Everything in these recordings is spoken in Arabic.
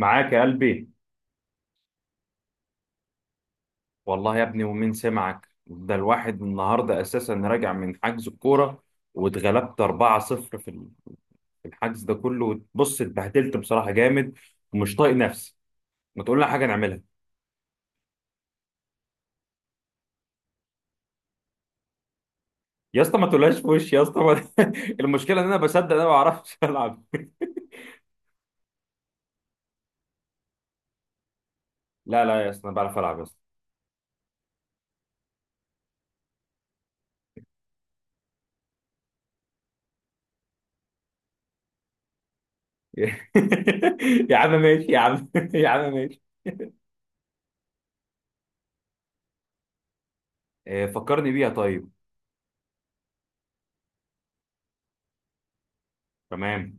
معاك يا قلبي. والله يا ابني، ومين سمعك؟ ده الواحد النهارده اساسا راجع من حجز الكوره واتغلبت 4-0 في الحجز ده كله. بص، اتبهدلت بصراحه جامد ومش طايق نفسي. ما تقول لنا حاجه نعملها؟ يا اسطى ما تقولهاش في وشي، يا اسطى ما... المشكله ان انا بصدق، انا ما بعرفش العب. لا لا يا اسطى، انا بعرف العب يا اسطى. يا عم ماشي يا عم، يا عم ماشي. آه، فكرني بيها طيب. تمام.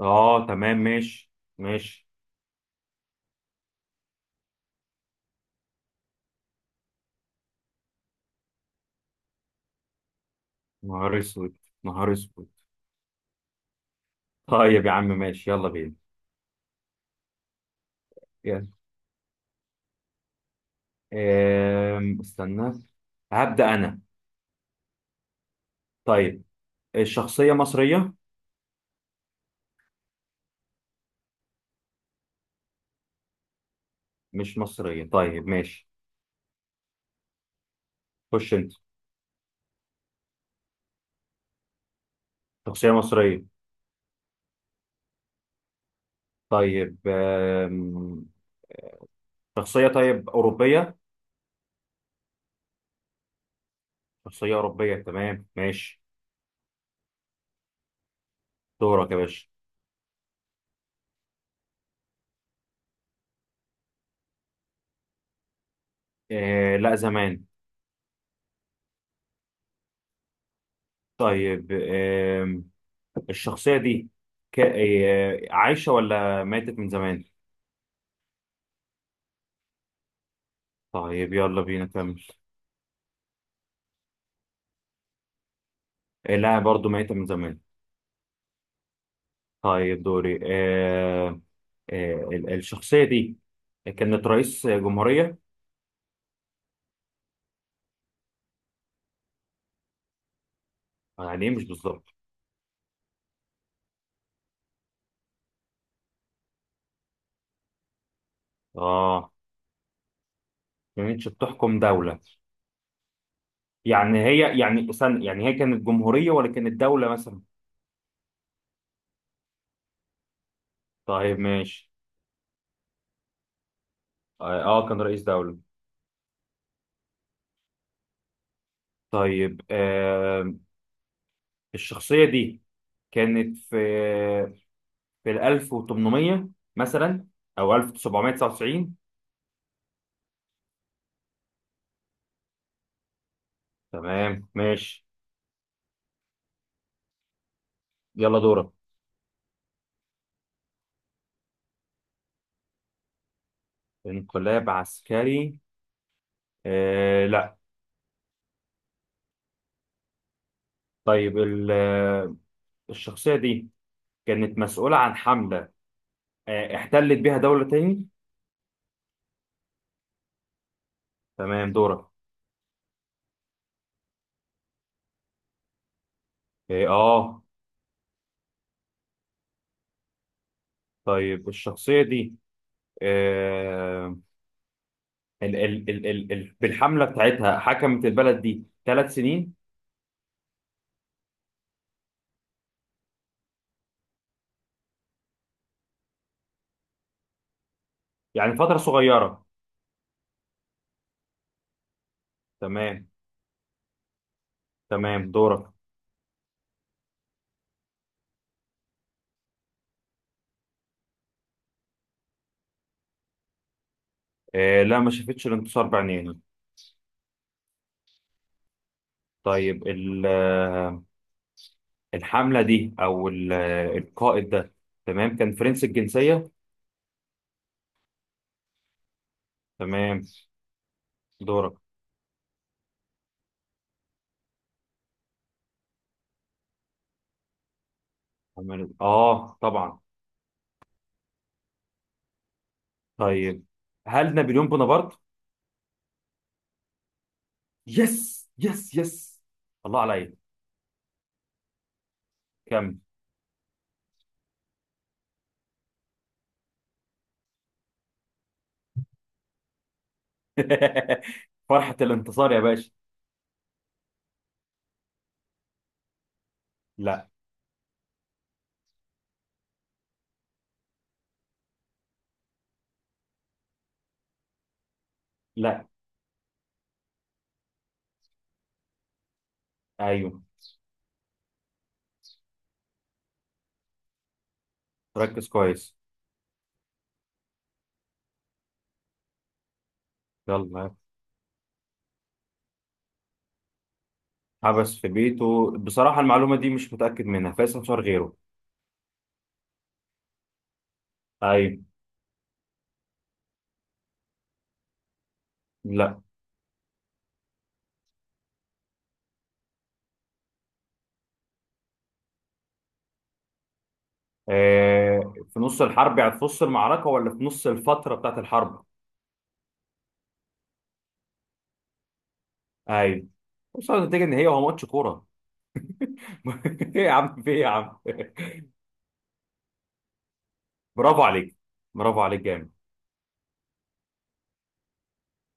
اه، تمام ماشي. ماشي. نهار اسود. نهار اسود. طيب يا عم ماشي، يلا بينا. يلا. استنى. هبدأ أنا. طيب، الشخصية مصرية؟ مش مصرية، طيب ماشي. خش أنت. شخصية مصرية. طيب. أم، شخصية طيب أوروبية؟ شخصية أوروبية، تمام ماشي. دورك يا باشا. أه، لا زمان. طيب. الشخصية دي ك... أه، عايشة ولا ماتت من زمان؟ طيب يلا بينا كمل. أه، لا برضو ماتت من زمان. طيب دوري. الشخصية دي كانت رئيس جمهورية. يعني إيه مش بالظبط؟ اه، ما كانتش بتحكم دولة. يعني هي، يعني استنى، يعني هي كانت جمهورية ولا كانت دولة مثلا؟ طيب ماشي. اه آه، كان رئيس دولة. طيب، الشخصية دي كانت في ال 1800 مثلا، او 1799. تمام ماشي، يلا دورك. انقلاب عسكري؟ آه لا. طيب، الشخصية دي كانت مسؤولة عن حملة احتلت بيها دولة تاني. تمام دورك. اه آه. طيب الشخصية دي، آه ال ال ال ال ال بالحملة بتاعتها حكمت البلد دي ثلاث سنين. يعني فترة صغيرة. تمام. تمام دورك. آه لا، ما شافتش الانتصار بعينيها. طيب الحملة دي، أو القائد ده، تمام، كان فرنسي الجنسية. تمام دورك. اه طبعا. طيب، هل نابليون بونابرت؟ يس يس يس! الله عليا. كمل. فرحة الانتصار يا باشا. لا. لا. ايوه. ركز كويس. يلا. حبس في بيته، بصراحة المعلومة دي مش متأكد منها، فايز انتصار غيره. ايوه. لا. آه، في نص الحرب يعني في نص المعركة، ولا في نص الفترة بتاعت الحرب؟ ايوه. وصلت النتيجة ان هي هو ماتش كورة. ايه يا عم، في ايه يا عم؟ برافو عليك! برافو عليك جامد!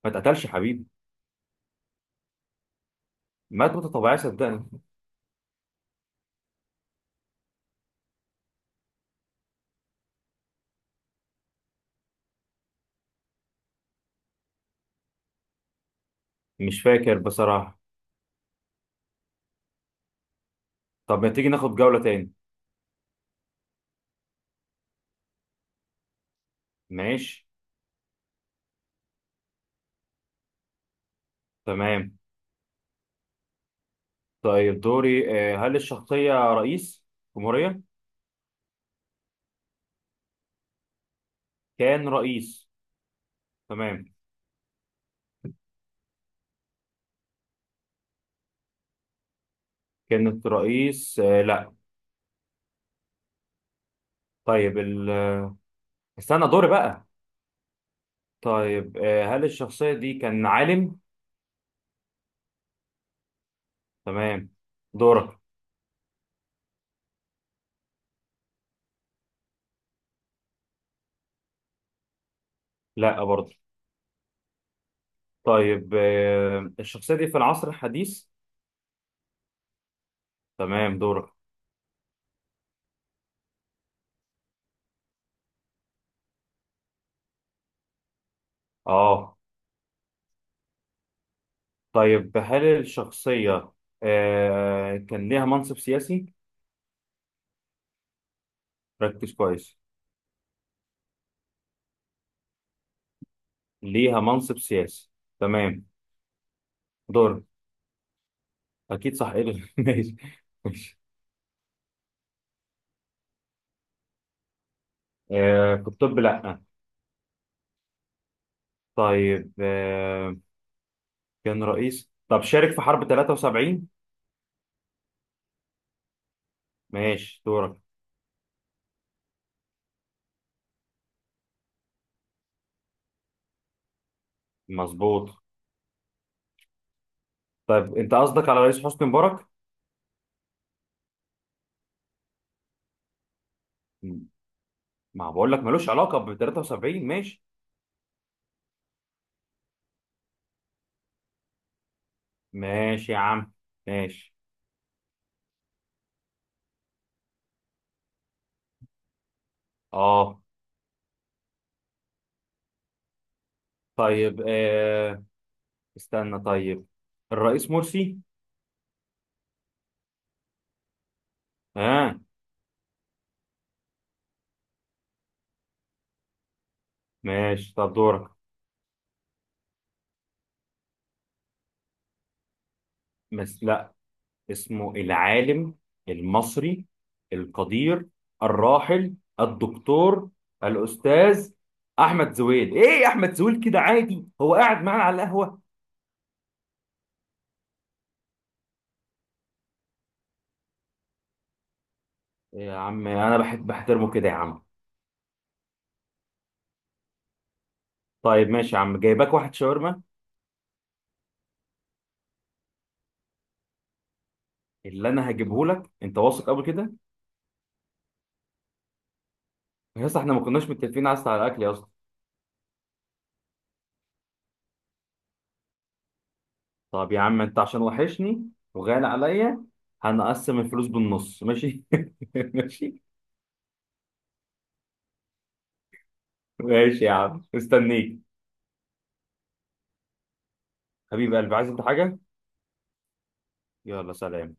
ما اتقتلش يا حبيبي. مات موتة طبيعية صدقني. مش فاكر بصراحة. طب ما تيجي ناخد جولة تاني؟ ماشي. تمام. طيب دوري. هل الشخصية رئيس جمهورية؟ كان رئيس. تمام. كانت رئيس لا. طيب استنى دوري بقى. طيب، هل الشخصية دي كان عالم؟ تمام دورك. لا برضه. طيب، الشخصية دي في العصر الحديث؟ تمام دورك. اه. طيب، هل الشخصية كان ليها منصب سياسي؟ ركز كويس. ليها منصب سياسي، تمام. دور. اكيد صح، ايه ده؟ ماشي. ماشي. آه، في الطب لا. طيب، كان رئيس. طب شارك في حرب 73؟ ماشي دورك. مظبوط. طيب، انت قصدك على رئيس حسني مبارك؟ م- ما بقول لك ملوش علاقة ب 73. ماشي. ماشي يا عم. ماشي. اه. طيب استنى. طيب، الرئيس مرسي؟ اه. ماشي. طب دورك. بس اسمه العالم المصري القدير الراحل الدكتور الأستاذ أحمد زويل. إيه يا أحمد زويل كده عادي، هو قاعد معانا على القهوة؟ إيه يا عم، أنا بحب بحترمه كده يا عم. طيب ماشي يا عم، جايباك واحد شاورما. اللي أنا هجيبه لك، أنت واثق قبل كده؟ يا اسطى إحنا ما كناش متفقين أصلا على الأكل يا اسطى. طب يا عم أنت عشان وحشني وغالي عليا، هنقسم الفلوس بالنص ماشي؟ ماشي. ماشي يا عم مستنيك. حبيب قلبي، عايز انت حاجة؟ يلا سلام.